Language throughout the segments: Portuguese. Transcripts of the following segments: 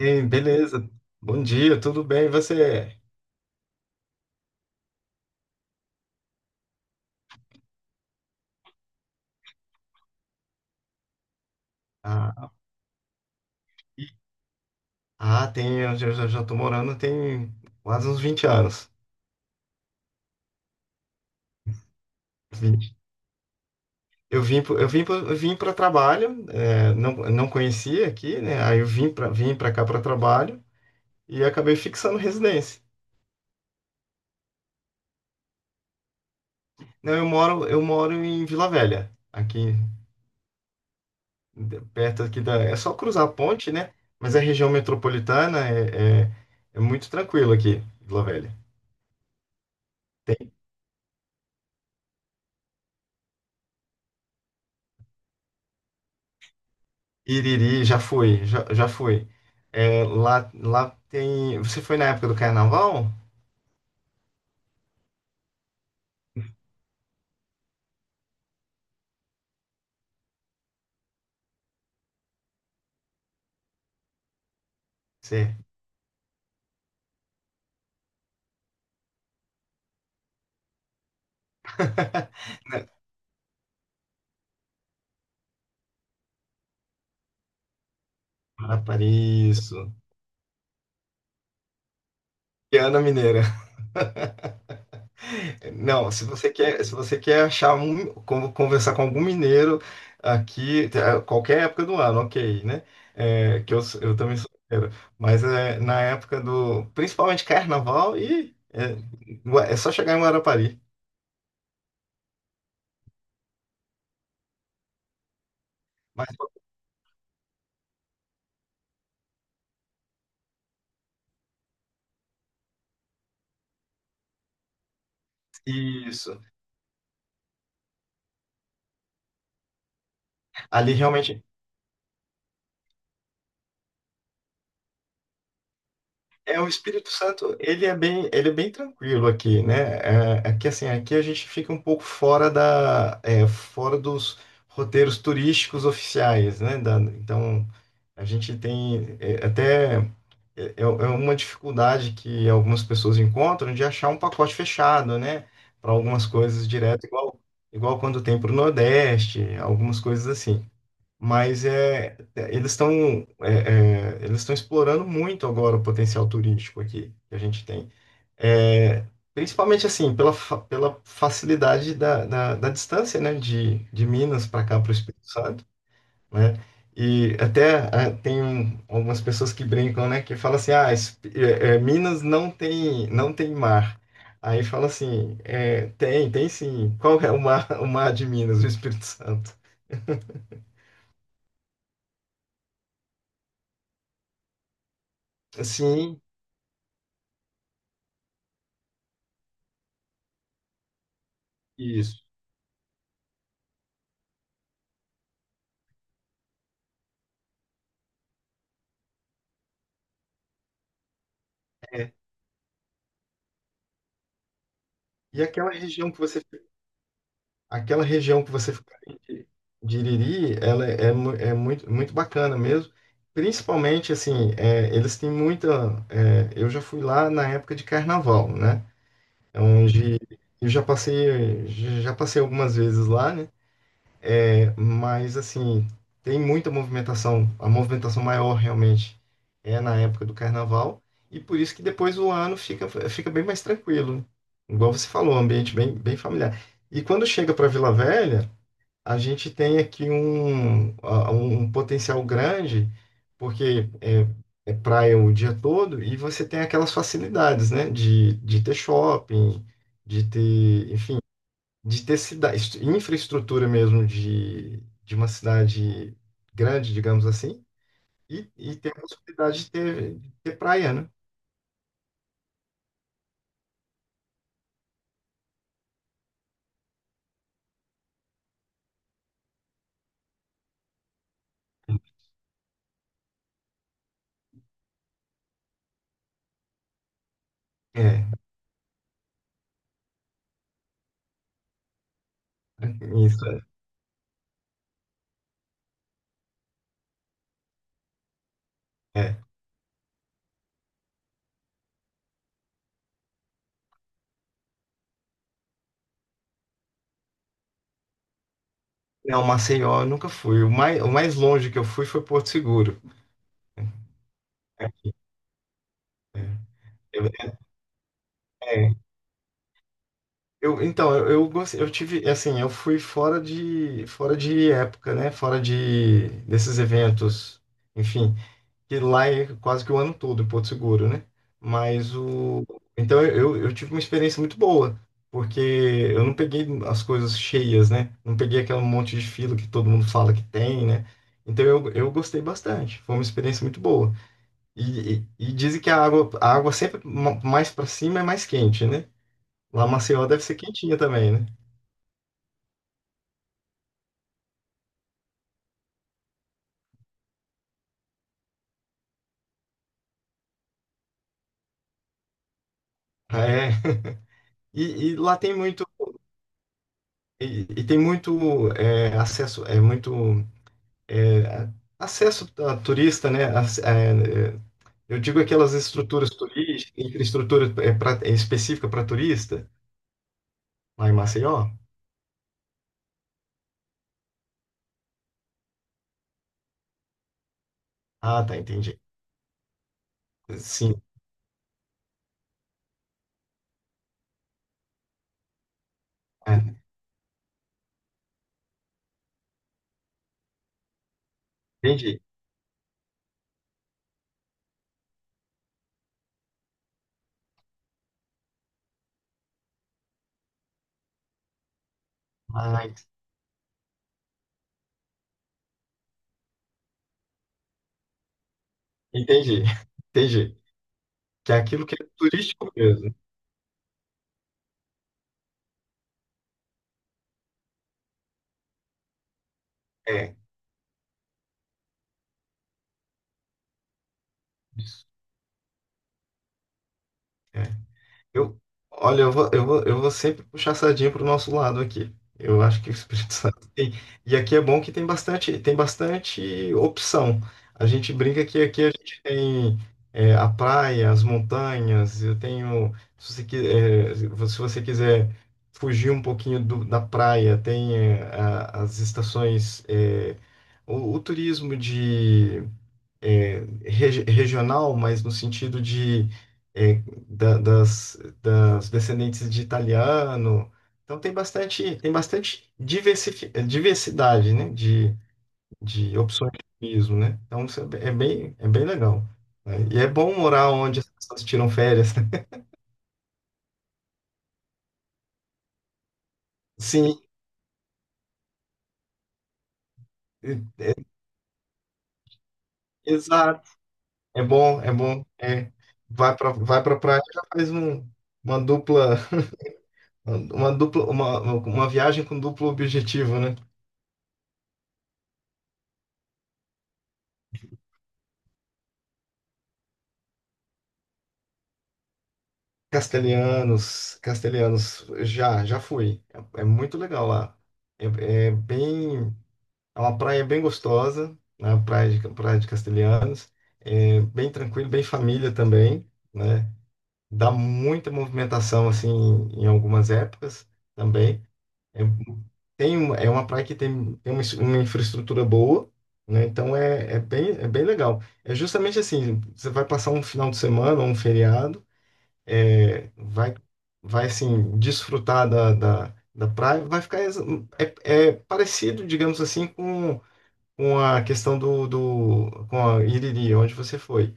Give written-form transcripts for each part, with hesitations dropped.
Ei, beleza. Bom dia, tudo bem? E você? Ah, ah, tem, eu já tô morando tem quase uns 20 anos. 20. Eu vim para trabalho, não conhecia aqui, né? Aí eu vim para cá para trabalho e acabei fixando residência. Não, eu moro em Vila Velha, perto aqui, é só cruzar a ponte, né? Mas a região metropolitana é muito tranquilo aqui, Vila Velha. Iriri, já fui, já fui. É, lá tem. Você foi na época do carnaval? Você. Né? Para isso. E Ana Mineira. Não, se você quer achar conversar com algum mineiro aqui, tá, qualquer época do ano, ok, né? É, que eu também sou mineiro. Mas é, na época do, principalmente carnaval, e é só chegar em Guarapari. Mas isso. Ali realmente. É, o Espírito Santo, ele é bem tranquilo aqui, né? É, é que assim, aqui a gente fica um pouco fora da, fora dos roteiros turísticos oficiais, né? Então, a gente tem, até uma dificuldade que algumas pessoas encontram de achar um pacote fechado, né? Para algumas coisas direto, igual quando tem para o Nordeste, algumas coisas assim. Mas é, eles estão eles estão explorando muito agora o potencial turístico aqui que a gente tem. É, principalmente assim, pela facilidade da distância, né, de Minas para cá, para o Espírito Santo, né? E até tem algumas pessoas que brincam, né, que falam assim, Minas não tem, mar. Aí fala assim, tem sim. Qual é o mar, o mar de Minas, o Espírito Santo? Sim, isso. E aquela região que você, Aquela região que você fica ali de Iriri, ela é muito, muito bacana mesmo. Principalmente, assim, eles têm muita. Eu já fui lá na época de carnaval, né? É. Onde eu já passei algumas vezes lá, né? Mas assim, tem muita movimentação, a movimentação maior realmente é na época do carnaval, e por isso que depois o ano fica bem mais tranquilo. Igual você falou, um ambiente bem, bem familiar. E quando chega para Vila Velha, a gente tem aqui um potencial grande, porque é praia o dia todo, e você tem aquelas facilidades, né? De ter shopping, de ter, enfim, de ter cidade, infraestrutura mesmo de uma cidade grande, digamos assim, e ter a possibilidade de ter praia, né? É, isso, é. É. Não, Maceió eu nunca fui. O mais longe que eu fui foi Porto Seguro. É, aqui, é. Eu, é, então, eu, gostei- eu tive, assim, eu fui fora de época, né? Fora desses eventos, enfim, que lá é quase que o ano todo em Porto Seguro, né? Mas o. Então eu tive uma experiência muito boa, porque eu não peguei as coisas cheias, né? Não peguei aquele monte de fila que todo mundo fala que tem, né? Então eu gostei bastante, foi uma experiência muito boa. E dizem que a água sempre mais para cima é mais quente, né? Lá Maceió deve ser quentinha também, né? É. E lá tem muito. E tem muito acesso, é muito. é, a- Acesso a turista, né? Eu digo aquelas estruturas turísticas, infraestrutura específica para turista, lá em Maceió. Ah, tá, entendi. Sim, é, entendi. Ah, entendi, entendi. Que é aquilo que é turístico mesmo. É, isso. É. Eu, olha, eu vou sempre puxar a sardinha pro nosso lado aqui. Eu acho que o Espírito Santo tem. E aqui é bom que tem bastante opção. A gente brinca que aqui a gente tem a praia, as montanhas. Se você quiser fugir um pouquinho da praia, tem as estações, o turismo é, regional, mas no sentido de é, das descendentes de italiano. Então tem bastante diversidade, né, de opções de turismo, né? Então isso é bem, é bem legal. Né? E é bom morar onde as pessoas tiram férias. Né? Sim, e- exato. É bom, é bom. É. Vai para praia, já faz uma dupla, uma viagem com duplo objetivo, né? Castelhanos, Castelhanos, já fui. É, é muito legal lá. É, é bem, é uma praia bem gostosa, né? Praia de Castelhanos. É bem tranquilo, bem família também, né? Dá muita movimentação assim em algumas épocas também. É, é uma praia que tem uma infraestrutura boa, né? Então é bem legal. É justamente assim, você vai passar um final de semana ou um feriado é, vai, vai assim, desfrutar da praia, é parecido, digamos assim, com a questão do, do com a Iriri, onde você foi.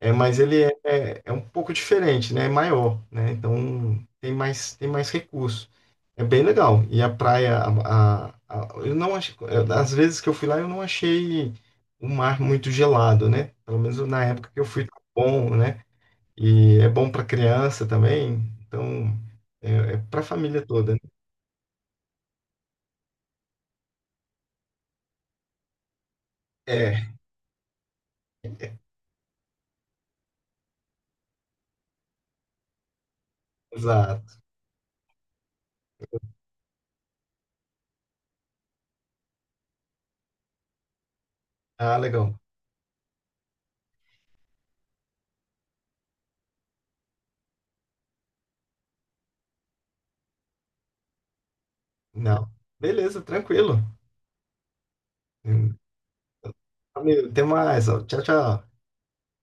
É, mas ele é um pouco diferente, né? É maior, né? Então tem mais recurso. É bem legal. E a praia, a- eu não achei, às vezes que eu fui lá, eu não achei o mar muito gelado, né? Pelo menos na época que eu fui, tá bom, né? E é bom para criança também, então é para a família toda. Né? É, exato. Ah, legal. Não. Beleza, tranquilo. Valeu, até mais. Ó. Tchau, tchau.